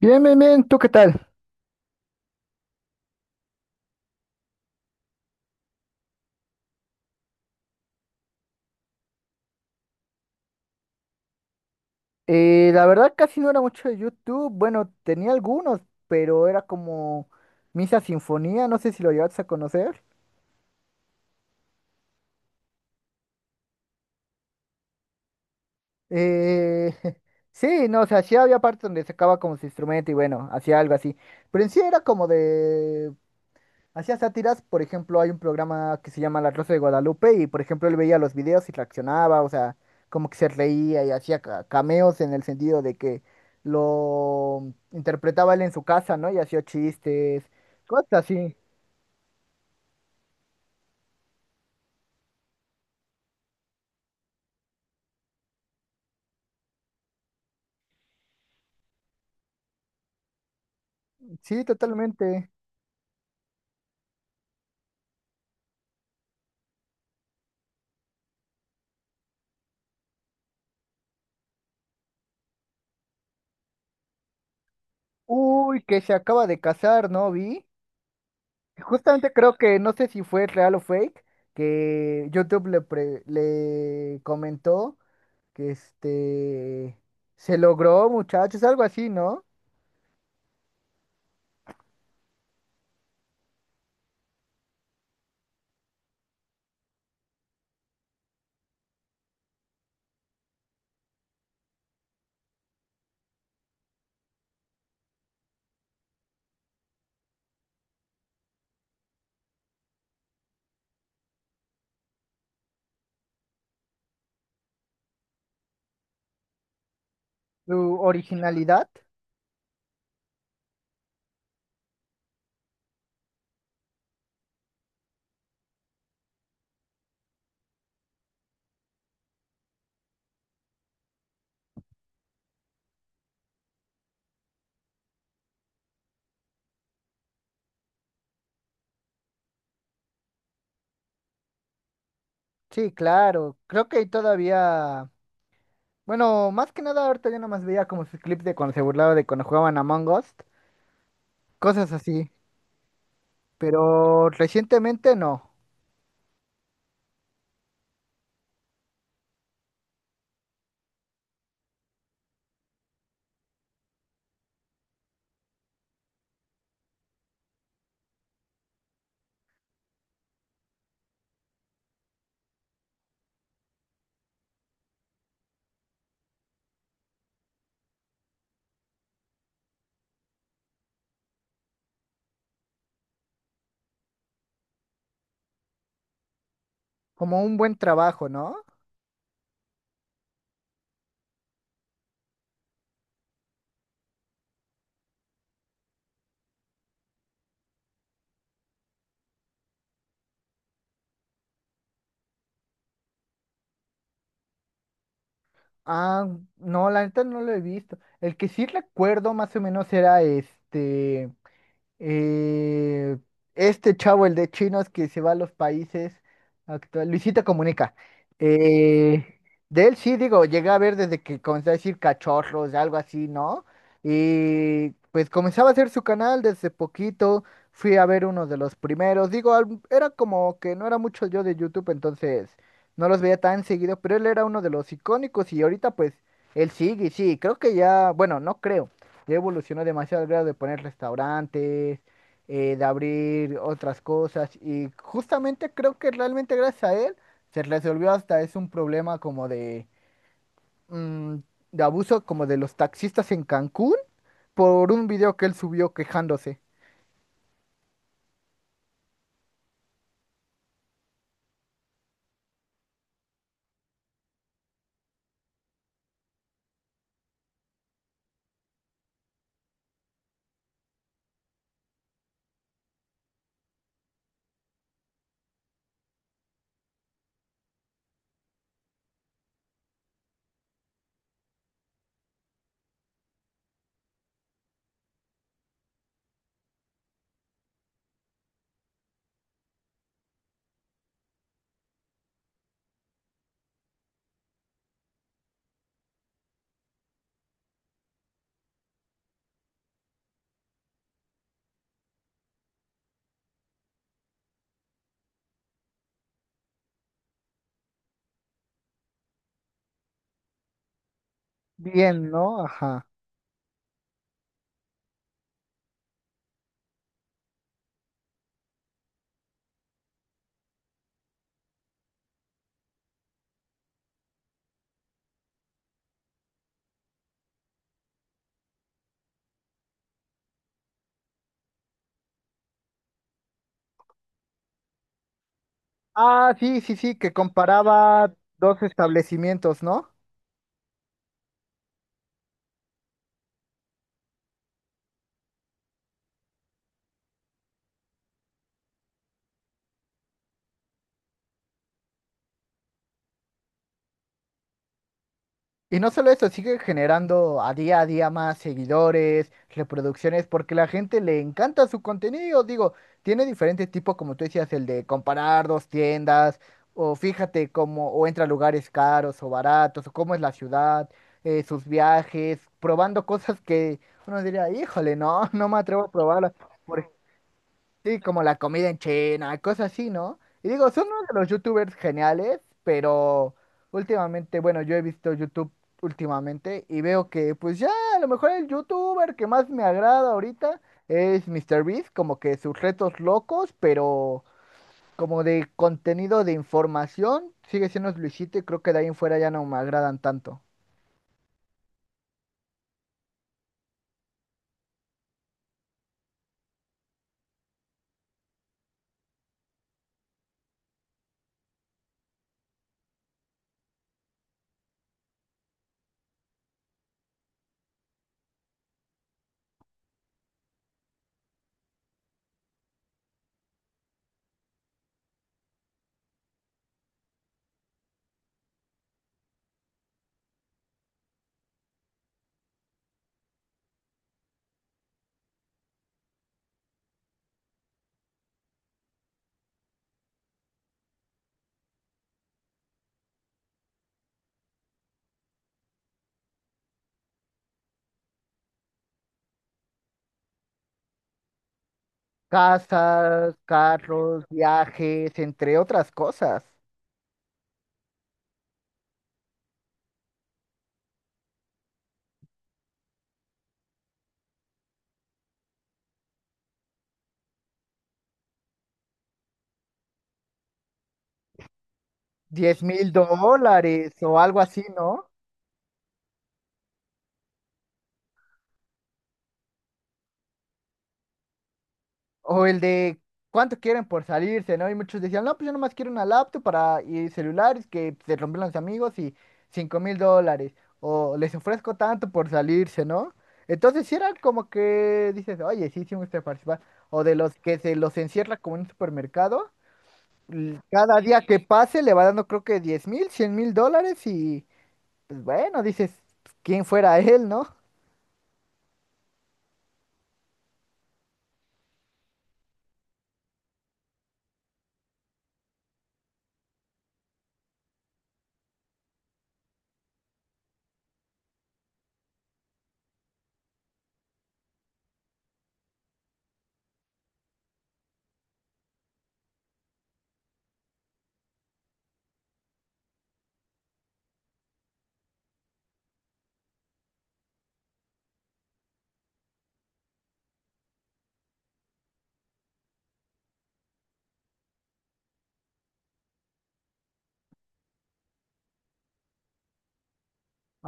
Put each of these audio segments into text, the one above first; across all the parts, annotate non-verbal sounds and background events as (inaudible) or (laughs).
Bien, bien, bien, ¿tú qué tal? La verdad casi no era mucho de YouTube, bueno, tenía algunos, pero era como Misa Sinfonía, no sé si lo llegaste a conocer. Eh, (laughs) sí, no, o sea, sí había partes donde sacaba como su instrumento y bueno, hacía algo así, pero en sí era como de hacía sátiras, por ejemplo, hay un programa que se llama La Rosa de Guadalupe y, por ejemplo, él veía los videos y reaccionaba, o sea, como que se reía y hacía cameos en el sentido de que lo interpretaba él en su casa, ¿no? Y hacía chistes, cosas así. Sí, totalmente. Uy, que se acaba de casar, ¿no? Vi. Justamente creo que, no sé si fue real o fake, que YouTube le le comentó que este se logró, muchachos, algo así, ¿no? Su originalidad, sí, claro. Creo que todavía, bueno, más que nada ahorita yo nomás veía como sus clips de cuando se burlaba de cuando jugaban Among Us, cosas así. Pero recientemente no, como un buen trabajo, ¿no? Ah, no, la neta no lo he visto. El que sí recuerdo más o menos era este, Eh, este chavo, el de chinos que se va a los países actual, Luisito Comunica. Eh, de él sí, digo, llegué a ver desde que comenzó a decir cachorros, algo así, ¿no? Y pues comenzaba a hacer su canal desde poquito. Fui a ver uno de los primeros. Digo, era como que no era mucho yo de YouTube, entonces no los veía tan seguido, pero él era uno de los icónicos y ahorita pues él sigue, y sí, creo que ya, bueno, no creo. Ya evolucionó demasiado al grado de poner restaurantes, de abrir otras cosas y justamente creo que realmente gracias a él se resolvió hasta es un problema como de, mm, de abuso como de los taxistas en Cancún por un video que él subió quejándose. Bien, ¿no? Ajá. Ah, sí, sí, sí, que comparaba dos establecimientos, ¿no? Y no solo eso, sigue generando a día más seguidores, reproducciones, porque la gente le encanta su contenido. Digo, tiene diferentes tipos, como tú decías, el de comparar dos tiendas, o fíjate cómo, o entra a lugares caros o baratos, o cómo es la ciudad, sus viajes, probando cosas que uno diría, híjole, no, (laughs) no me atrevo a probarlas. Sí, como la comida en China, cosas así, ¿no? Y digo, son uno de los youtubers geniales, pero últimamente, bueno, yo he visto YouTube últimamente y veo que pues ya a lo mejor el youtuber que más me agrada ahorita es MrBeast, como que sus retos locos, pero como de contenido de información, sigue siendo Luisito y creo que de ahí en fuera ya no me agradan tanto. Casas, carros, viajes, entre otras cosas. $10,000 o algo así, ¿no? O el de cuánto quieren por salirse, ¿no? Y muchos decían, no, pues yo nomás quiero una laptop para y celulares que se rompieron los amigos y $5,000. O les ofrezco tanto por salirse, ¿no? Entonces sí eran como que dices, oye, sí, sí me gusta participar. O de los que se los encierra como en un supermercado. Cada día que pase le va dando creo que 10.000, $100,000 y pues bueno, dices, pues, ¿quién fuera él, no?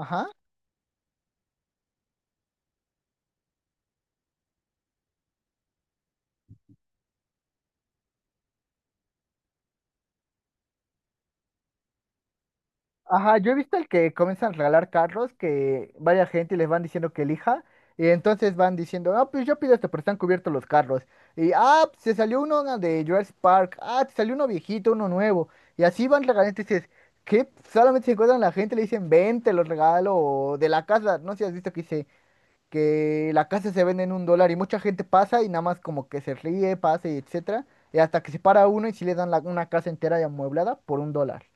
Ajá. Ajá, yo he visto el que comienzan a regalar carros, que vaya gente y les van diciendo que elija, y entonces van diciendo, ah, pues yo pido esto, pero están cubiertos los carros. Y, ah, pues, se salió uno de Jurassic Park, ah, te salió uno viejito, uno nuevo, y así van regalando, y dices, ¿qué? Solamente se encuentran la gente, le dicen, ven, te los regalo, o de la casa, no sé si has visto que dice que la casa se vende en $1, y mucha gente pasa y nada más como que se ríe, pasa y etcétera, y hasta que se para uno y si le dan una casa entera y amueblada por $1.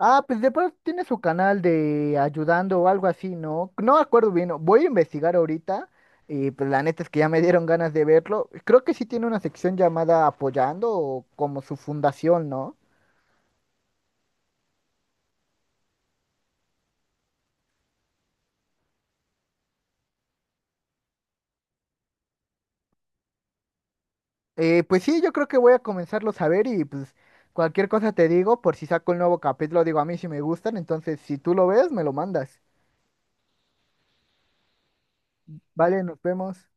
Ah, pues de pronto tiene su canal de ayudando o algo así, ¿no? No me acuerdo bien. ¿No? Voy a investigar ahorita. Y pues la neta es que ya me (laughs) dieron ganas de verlo. Creo que sí tiene una sección llamada Apoyando o como su fundación, ¿no? Pues sí, yo creo que voy a comenzarlo a ver y pues cualquier cosa te digo, por si saco el nuevo capítulo, digo a mí si me gustan, entonces si tú lo ves, me lo mandas. Vale, nos vemos.